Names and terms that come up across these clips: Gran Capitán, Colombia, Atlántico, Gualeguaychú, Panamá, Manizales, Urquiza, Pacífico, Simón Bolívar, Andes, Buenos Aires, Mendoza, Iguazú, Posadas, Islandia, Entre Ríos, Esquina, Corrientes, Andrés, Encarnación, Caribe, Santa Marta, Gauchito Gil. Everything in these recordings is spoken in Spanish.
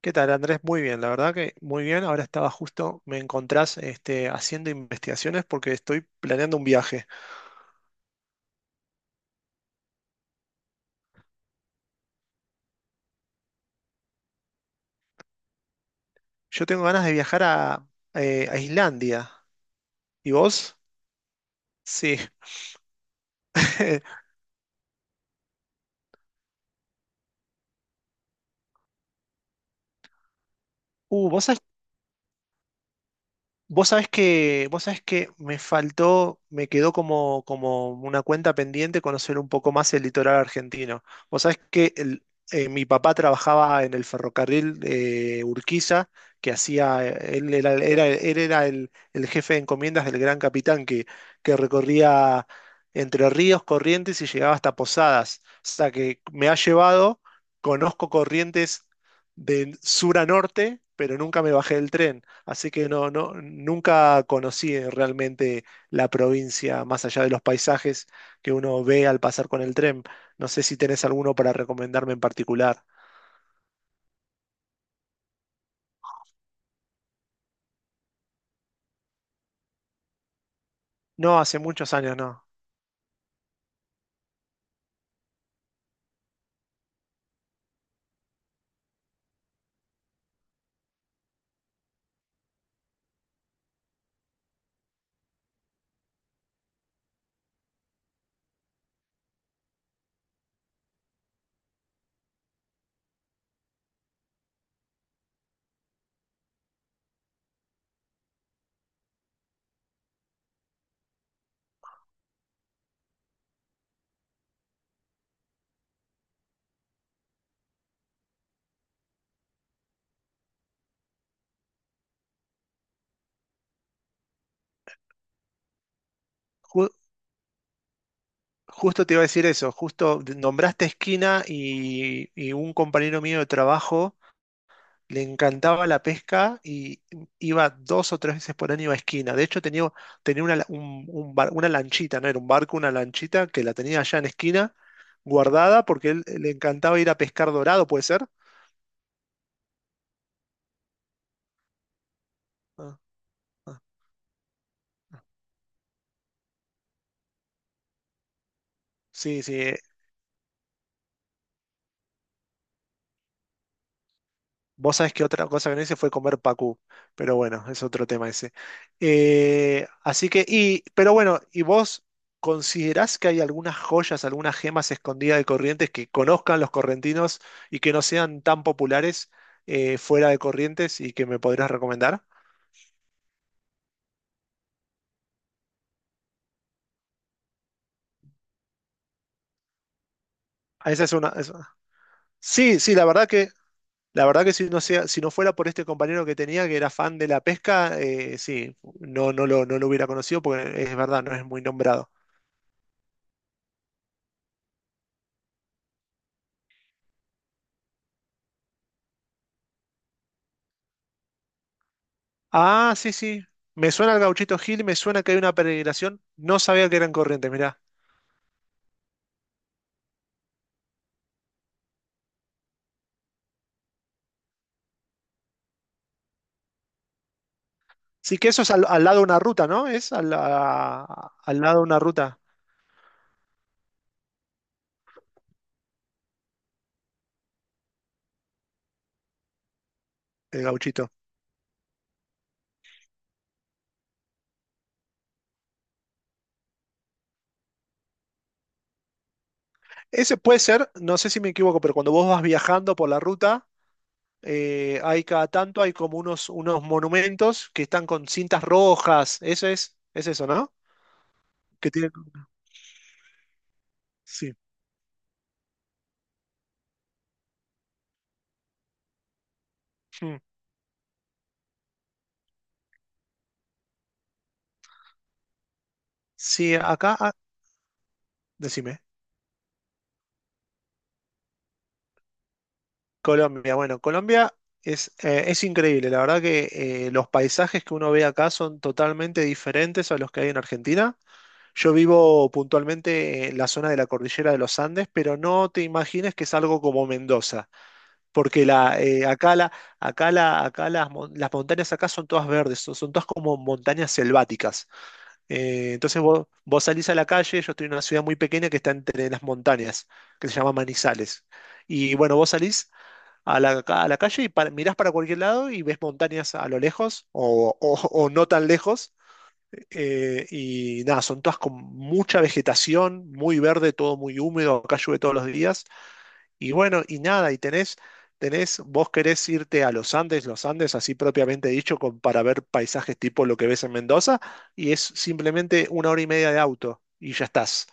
¿Qué tal, Andrés? Muy bien, la verdad que muy bien. Ahora estaba justo, me encontrás haciendo investigaciones porque estoy planeando un viaje. Yo tengo ganas de viajar a Islandia. ¿Y vos? Sí. Uh, vos Vos sabés que me faltó, me quedó como una cuenta pendiente conocer un poco más el litoral argentino. Vos sabés que mi papá trabajaba en el ferrocarril de Urquiza, que hacía, él era, era- él era el jefe de encomiendas del Gran Capitán, que recorría Entre Ríos, Corrientes y llegaba hasta Posadas. O sea que me ha llevado, conozco Corrientes de sur a norte, pero nunca me bajé del tren. Así que no, no, nunca conocí realmente la provincia más allá de los paisajes que uno ve al pasar con el tren. No sé si tenés alguno para recomendarme en particular. No, hace muchos años no. Ju- justo te iba a decir eso, justo nombraste Esquina y un compañero mío de trabajo le encantaba la pesca y iba dos o tres veces por año a Esquina. De hecho, tenía una lanchita, no era un barco, una lanchita que la tenía allá en Esquina, guardada, porque él le encantaba ir a pescar dorado, ¿puede ser? Ah, ah. Sí, sí, vos sabés que otra cosa que no hice fue comer pacú, pero bueno, es otro tema ese. Así que, y, pero bueno, ¿y vos considerás que hay algunas joyas, algunas gemas escondidas de Corrientes que conozcan los correntinos y que no sean tan populares fuera de Corrientes y que me podrías recomendar? Ah, esa es una. Sí, sí, la verdad que si no fuera por este compañero que tenía que era fan de la pesca, sí, no, no lo hubiera conocido porque es verdad, no es muy nombrado. Ah, sí, sí. Me suena el Gauchito Gil, me suena que hay una peregrinación. No sabía que eran Corrientes, mirá. Sí que eso es al lado de una ruta, ¿no? Es al lado de una ruta, el Gauchito. Ese puede ser, no sé si me equivoco, pero cuando vos vas viajando por la ruta, hay cada tanto, hay como unos monumentos que están con cintas rojas. Eso es eso, ¿no? Que tiene. Sí. Mm. Sí, acá, decime. Bueno, Colombia es increíble, la verdad que los paisajes que uno ve acá son totalmente diferentes a los que hay en Argentina. Yo vivo puntualmente en la zona de la cordillera de los Andes, pero no te imagines que es algo como Mendoza, porque la, acá, la, acá, la, acá las montañas acá son todas verdes, son todas como montañas selváticas. Entonces vos salís a la calle, yo estoy en una ciudad muy pequeña que está entre las montañas, que se llama Manizales. Y bueno, vos salís a la calle y mirás para cualquier lado y ves montañas a lo lejos o no tan lejos. Y nada, son todas con mucha vegetación, muy verde, todo muy húmedo, acá llueve todos los días. Y bueno, y nada, y vos querés irte a los Andes, así propiamente dicho, con, para ver paisajes tipo lo que ves en Mendoza, y es simplemente una hora y media de auto y ya estás.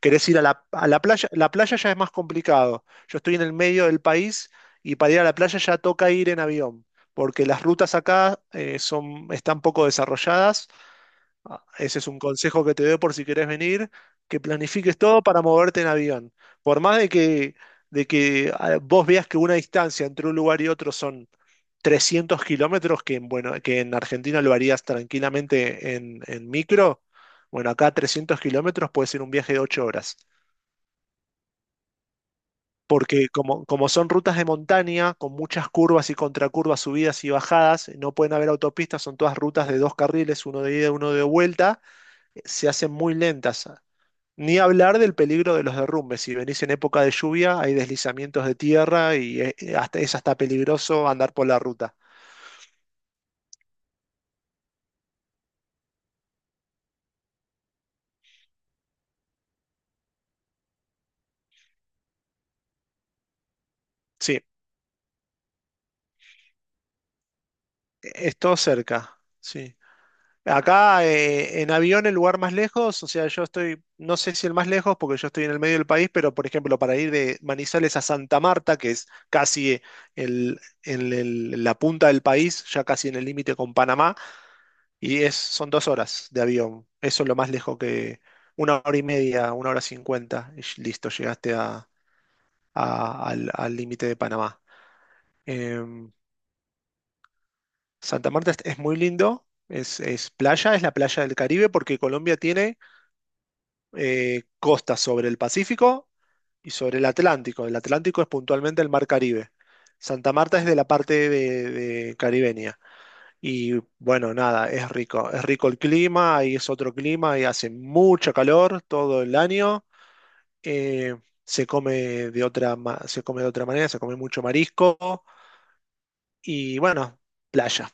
Querés ir a la playa, la playa ya es más complicado. Yo estoy en el medio del país y para ir a la playa ya toca ir en avión, porque las rutas acá están poco desarrolladas. Ah, ese es un consejo que te doy por si querés venir, que planifiques todo para moverte en avión. Por más de que vos veas que una distancia entre un lugar y otro son 300 kilómetros, bueno, que en Argentina lo harías tranquilamente en micro. Bueno, acá 300 kilómetros puede ser un viaje de 8 horas. Porque como son rutas de montaña, con muchas curvas y contracurvas, subidas y bajadas, no pueden haber autopistas, son todas rutas de dos carriles, uno de ida y uno de vuelta, se hacen muy lentas. Ni hablar del peligro de los derrumbes. Si venís en época de lluvia, hay deslizamientos de tierra y es hasta peligroso andar por la ruta. Sí, es todo cerca. Sí. Acá en avión el lugar más lejos, o sea, yo estoy, no sé si el más lejos porque yo estoy en el medio del país, pero por ejemplo para ir de Manizales a Santa Marta, que es casi la punta del país, ya casi en el límite con Panamá, y son 2 horas de avión. Eso es lo más lejos que una hora y media, una hora cincuenta, y listo, llegaste al límite de Panamá. Em, Santa Marta es muy lindo, es playa, es la playa del Caribe porque Colombia tiene costas sobre el Pacífico y sobre el Atlántico. El Atlántico es puntualmente el mar Caribe. Santa Marta es de la parte de caribeña. Y bueno, nada, es rico. Es rico el clima, ahí es otro clima, y hace mucho calor todo el año. Eh, se come se come de otra manera, se come mucho marisco y bueno, playa.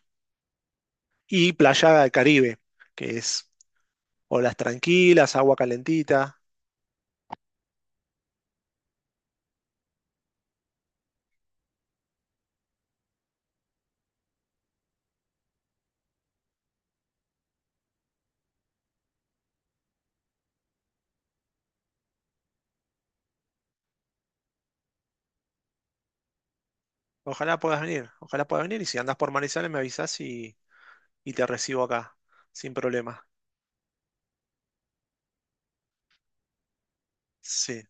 Y playa del Caribe, que es olas tranquilas, agua calentita. Ojalá puedas venir y si andas por Manizales me avisas y te recibo acá, sin problema. Sí.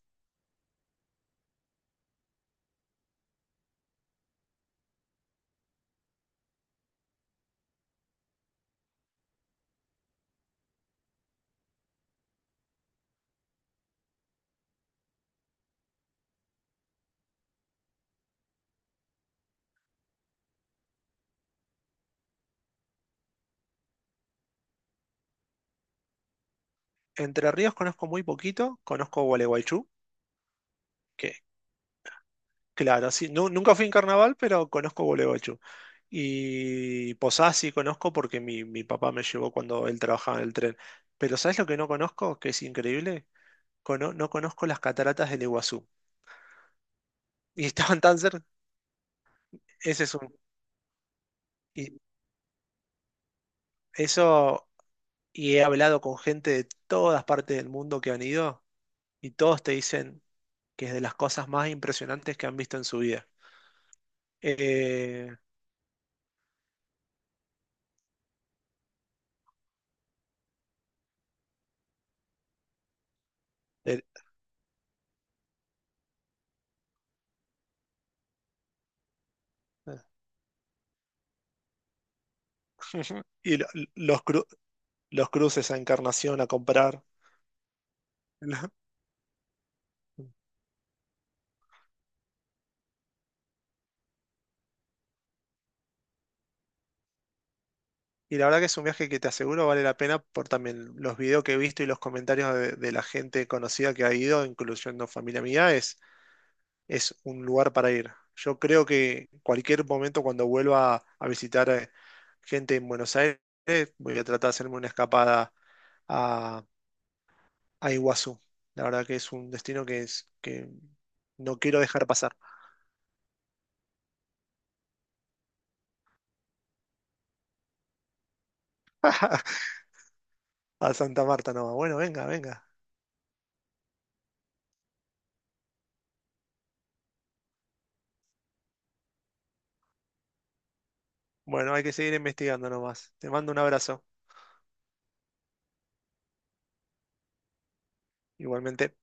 Entre Ríos conozco muy poquito, conozco Gualeguaychú, que claro, sí, nunca fui en carnaval, pero conozco Gualeguaychú. Y Posadas sí conozco porque mi papá me llevó cuando él trabajaba en el tren. Pero ¿sabes lo que no conozco? Que es increíble. No conozco las cataratas del Iguazú. Y estaban tan cerca. Ese es un. Y eso. Y he hablado con gente de todas partes del mundo que han ido. Y todos te dicen que es de las cosas más impresionantes que han visto en su vida. Eh, el- y los, cru- los cruces a Encarnación a comprar. ¿No? Y la verdad que es un viaje que te aseguro vale la pena por también los videos que he visto y los comentarios de la gente conocida que ha ido, incluyendo familia mía, es un lugar para ir. Yo creo que cualquier momento cuando vuelva a visitar gente en Buenos Aires, voy a tratar de hacerme una escapada a Iguazú. La verdad que es un destino que es que no quiero dejar pasar. A Santa Marta nomás. Bueno, venga, venga. Bueno, hay que seguir investigando nomás. Te mando un abrazo. Igualmente.